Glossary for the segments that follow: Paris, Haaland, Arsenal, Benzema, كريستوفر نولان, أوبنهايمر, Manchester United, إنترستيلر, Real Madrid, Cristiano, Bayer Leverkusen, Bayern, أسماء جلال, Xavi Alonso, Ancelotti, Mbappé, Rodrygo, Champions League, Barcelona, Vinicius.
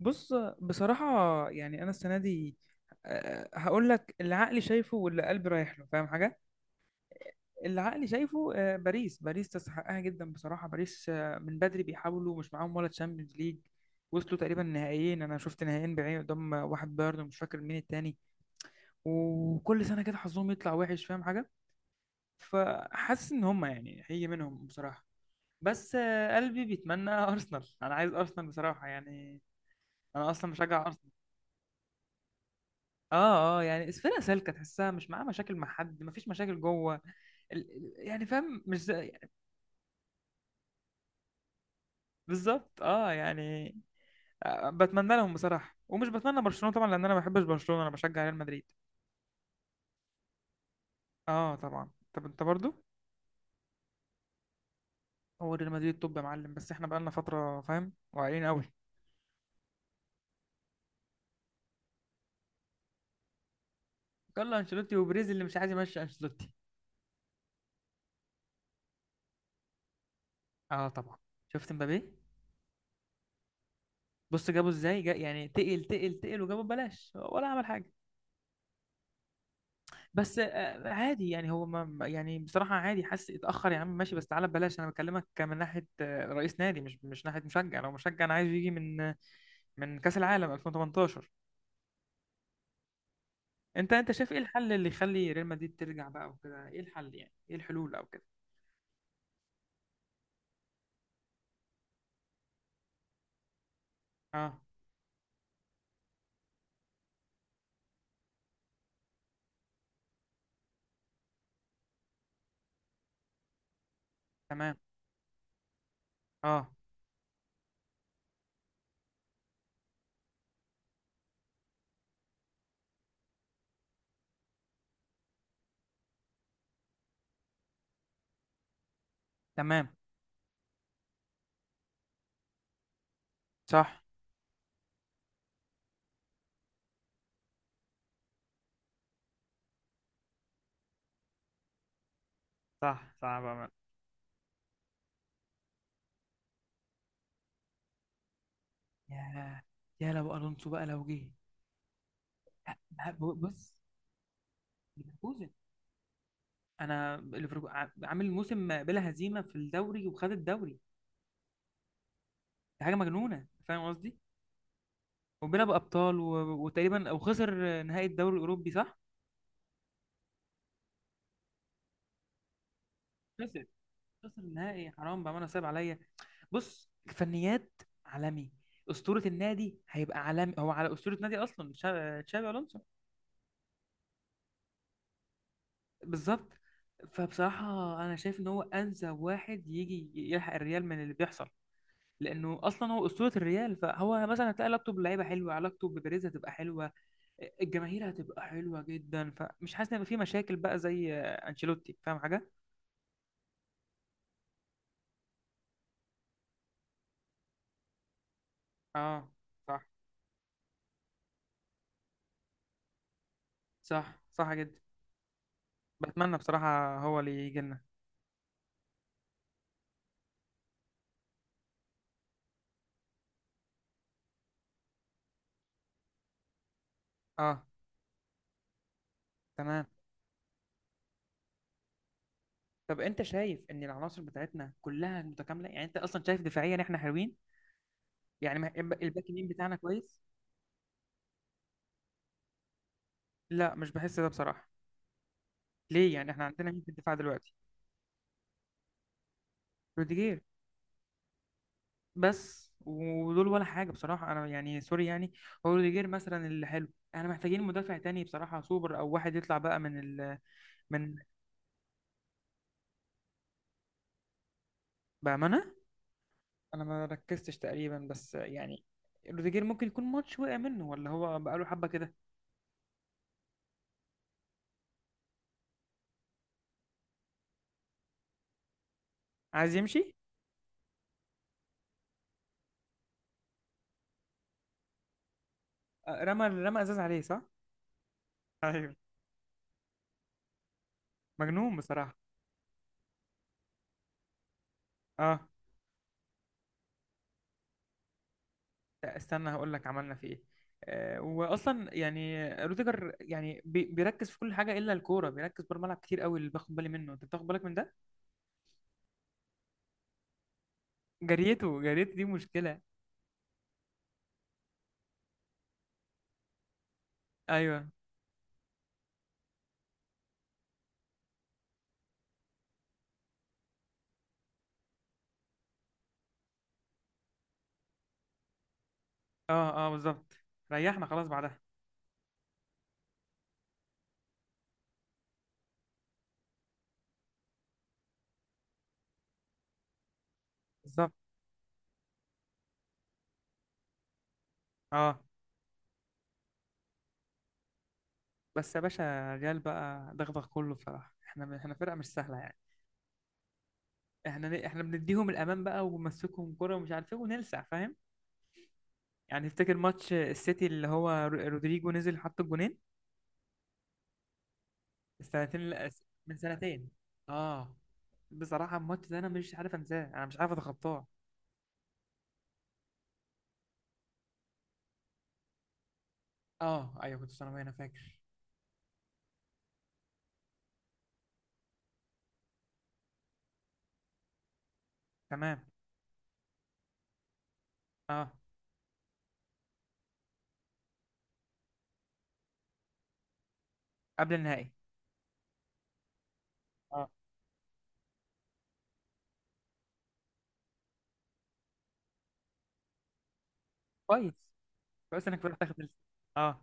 بص، بصراحة يعني أنا السنة دي، هقول لك اللي عقلي شايفه واللي قلبي رايح له. فاهم حاجة؟ اللي عقلي شايفه باريس تستحقها جدا بصراحة. باريس من بدري بيحاولوا، مش معاهم ولا تشامبيونز ليج. وصلوا تقريبا نهائيين، أنا شفت نهائيين بعيني قدام واحد بايرن، مش فاكر مين التاني. وكل سنة كده حظهم يطلع وحش، فاهم حاجة؟ فحاسس إن هما يعني هي منهم بصراحة. بس قلبي بيتمنى أرسنال، أنا عايز أرسنال بصراحة يعني. أنا أصلا مشجع أرسنال. اه اه، يعني اسفنا سالكه، تحسها مش معاه مشاكل مع حد، مفيش مشاكل جوه. يعني فاهم، مش زي يعني. بالظبط، اه يعني بتمنى لهم بصراحه، ومش بتمنى برشلونه طبعا، لان انا ما بحبش برشلونه، انا بشجع ريال مدريد. اه طبعا، طب انت برضو؟ هو ريال مدريد، طب يا معلم، بس احنا بقالنا فتره فاهم، واعيين قوي. يلا انشيلوتي وبريز اللي مش عايز يمشي انشيلوتي. اه طبعا. شفت مبابي؟ بص، جابه ازاي، جا يعني تقل تقل تقل وجابه ببلاش ولا عمل حاجه. بس عادي يعني، هو يعني بصراحة عادي، حاسس اتأخر يا عم. ماشي بس تعالى ببلاش. أنا بكلمك من ناحية رئيس نادي، مش ناحية مشجع. لو مشجع أنا عايزه يجي من من كأس العالم 2018. أنت شايف إيه الحل اللي يخلي ريال مدريد ترجع بقى وكده؟ إيه الحل، يعني إيه الحلول أو كده؟ أه، تمام، أه، تمام، صح، صح صح بقى. يا يا لو ألونسو بقى، لو جه. بص ليفركوزن، انا ليفركو- عامل موسم بلا هزيمه في الدوري، وخد الدوري. دي حاجه مجنونه، فاهم قصدي. وبيلعب ابطال و... وتقريبا او خسر نهائي الدوري الاوروبي، صح؟ خسر، خسر النهائي حرام بقى، انا صعب عليا. بص، فنيات عالمي، اسطوره النادي، هيبقى عالمي. هو على اسطوره نادي اصلا، تشابي الونسو. بالظبط. فبصراحه انا شايف ان هو انسب واحد يجي يلحق الريال من اللي بيحصل، لانه اصلا هو اسطوره الريال. فهو مثلا هتلاقي علاقته باللعيبه حلوه، علاقته ببيريز هتبقى حلوه، الجماهير هتبقى حلوه جدا. فمش حاسس ان هيبقى في مشاكل بقى زي انشيلوتي، فاهم حاجه. اه، صح، صح صح جدا. بتمنى بصراحه هو اللي يجي لنا. اه، تمام. طب انت شايف ان العناصر بتاعتنا كلها متكامله؟ يعني انت اصلا شايف دفاعيا احنا حلوين؟ يعني الباك يمين بتاعنا كويس؟ لا، مش بحس ده بصراحه. ليه؟ يعني احنا عندنا مين في الدفاع دلوقتي؟ روديجير بس، ودول ولا حاجة بصراحة. أنا يعني سوري يعني، هو روديجير مثلا اللي حلو. احنا محتاجين مدافع تاني بصراحة سوبر، أو واحد يطلع بقى من ال، من، بأمانة أنا ما ركزتش تقريبا، بس يعني روديجير ممكن يكون ماتش وقع منه، ولا هو بقاله حبة كده؟ عايز يمشي. رمى إزاز عليه صح؟ أيوه، مجنون بصراحة. اه، لا استنى، هقول لك عملنا في ايه. واصلا يعني روديجر يعني بيركز في كل حاجه الا الكوره، بيركز بره الملعب كتير قوي اللي باخد بالي منه. انت بتاخد بالك من ده؟ جريته جريته دي مشكلة. أيوه. أه أه بالظبط، ريحنا خلاص بعدها. بالظبط، أه. بس يا باشا ريال بقى دغدغ كله بصراحة. إحنا فرقة مش سهلة يعني. إحنا بنديهم الأمان بقى وبنمسكهم كرة ومش عارف إيه ونلسع، فاهم يعني؟ تفتكر ماتش السيتي اللي هو رودريجو نزل حط الجونين، السنتين اللي- من سنتين؟ أه، بصراحة الماتش ده أنا مش عارف أنساه، أنا مش عارف أتخطاه. أه أيوه، كنت ثانوي أنا فاكر. تمام. أه، قبل النهائي. أه، كويس. كويس انك رحت تاخد ال- اه.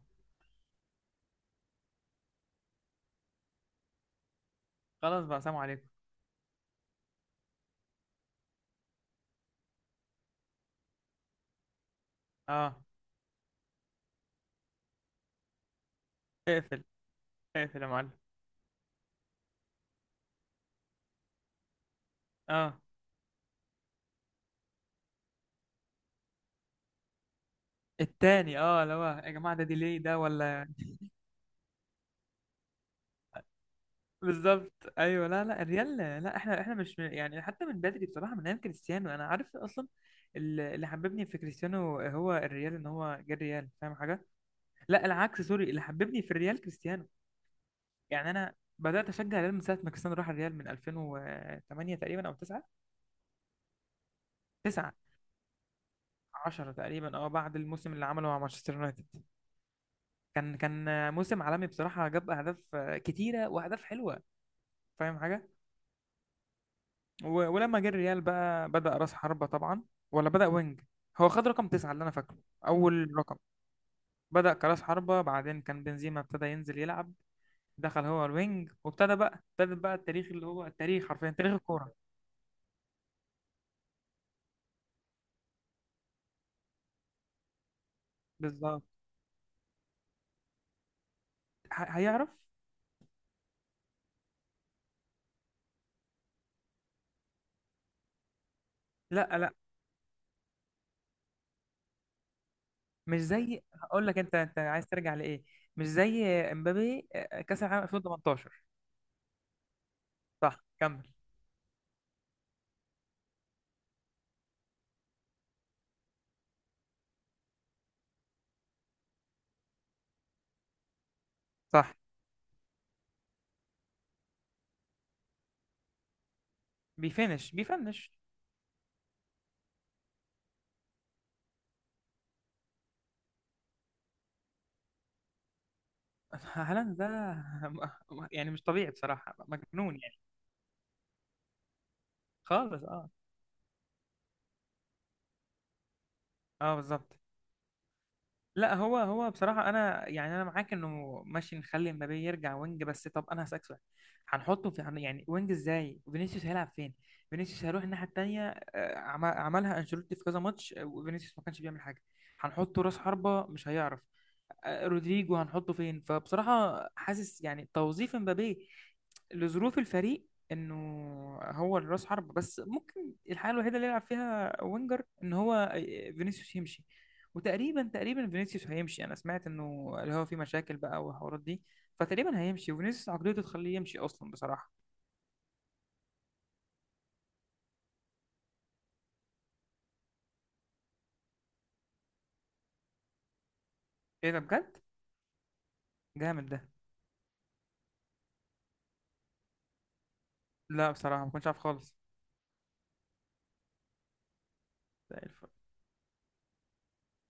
خلاص بقى، سلام عليكم. اه، اقفل، اقفل يا معلم. اه. التاني اه، اللي هو يا جماعه ده ديلي ده ولا؟ بالظبط، ايوه. لا لا، الريال لا، احنا مش من- يعني حتى من بدري بصراحه، من ايام كريستيانو انا عارف اصلا. اللي حببني في كريستيانو هو الريال، ان هو جه الريال، فاهم حاجه. لا العكس، سوري، اللي حببني في الريال كريستيانو. يعني انا بدات اشجع الريال من ساعه ما كريستيانو راح الريال، من 2008 تقريبا او 9. 9، 10 تقريبا، اه، بعد الموسم اللي عمله مع مانشستر يونايتد. كان موسم عالمي بصراحة، جاب أهداف كتيرة وأهداف حلوة، فاهم حاجة. و- ولما جه الريال بقى بدأ رأس حربة طبعا، ولا بدأ وينج؟ هو خد رقم تسعة اللي أنا فاكره، أول رقم. بدأ كرأس حربة، بعدين كان بنزيما ابتدى ينزل يلعب، دخل هو الوينج، وابتدى بقى، ابتدى بقى التاريخ اللي هو التاريخ، حرفيا تاريخ الكورة. بالظبط. هيعرف. لا لا، مش زي، هقول لك انت، انت عايز ترجع لإيه؟ مش زي امبابي كأس العالم 2018. صح، كمل. صح. بيفنش بيفنش. هالاند ده م- يعني مش طبيعي بصراحة، مجنون يعني. خالص، اه. اه بالظبط. لا، هو بصراحة أنا يعني، أنا معاك إنه ماشي، نخلي مبابي يرجع وينج، بس طب أنا هسألك سؤال. يعني وينج إزاي؟ فينيسيوس هيلعب فين؟ فينيسيوس هيروح الناحية التانية. عملها أنشيلوتي في كذا ماتش وفينيسيوس ما كانش بيعمل حاجة. هنحطه راس حربة مش هيعرف. رودريجو هنحطه فين؟ فبصراحة حاسس يعني توظيف مبابي لظروف الفريق انه هو الراس حرب. بس ممكن الحاله الوحيده اللي يلعب فيها وينجر ان هو فينيسيوس يمشي. وتقريبا فينيسيوس هيمشي، انا سمعت انه اللي هو في مشاكل بقى والحوارات دي. فتقريبا هيمشي، وفينيسيوس عقليته تخليه يمشي اصلا بصراحه. ايه ده بجد، جامد ده. لا بصراحه ما كنتش عارف خالص. زي الفل.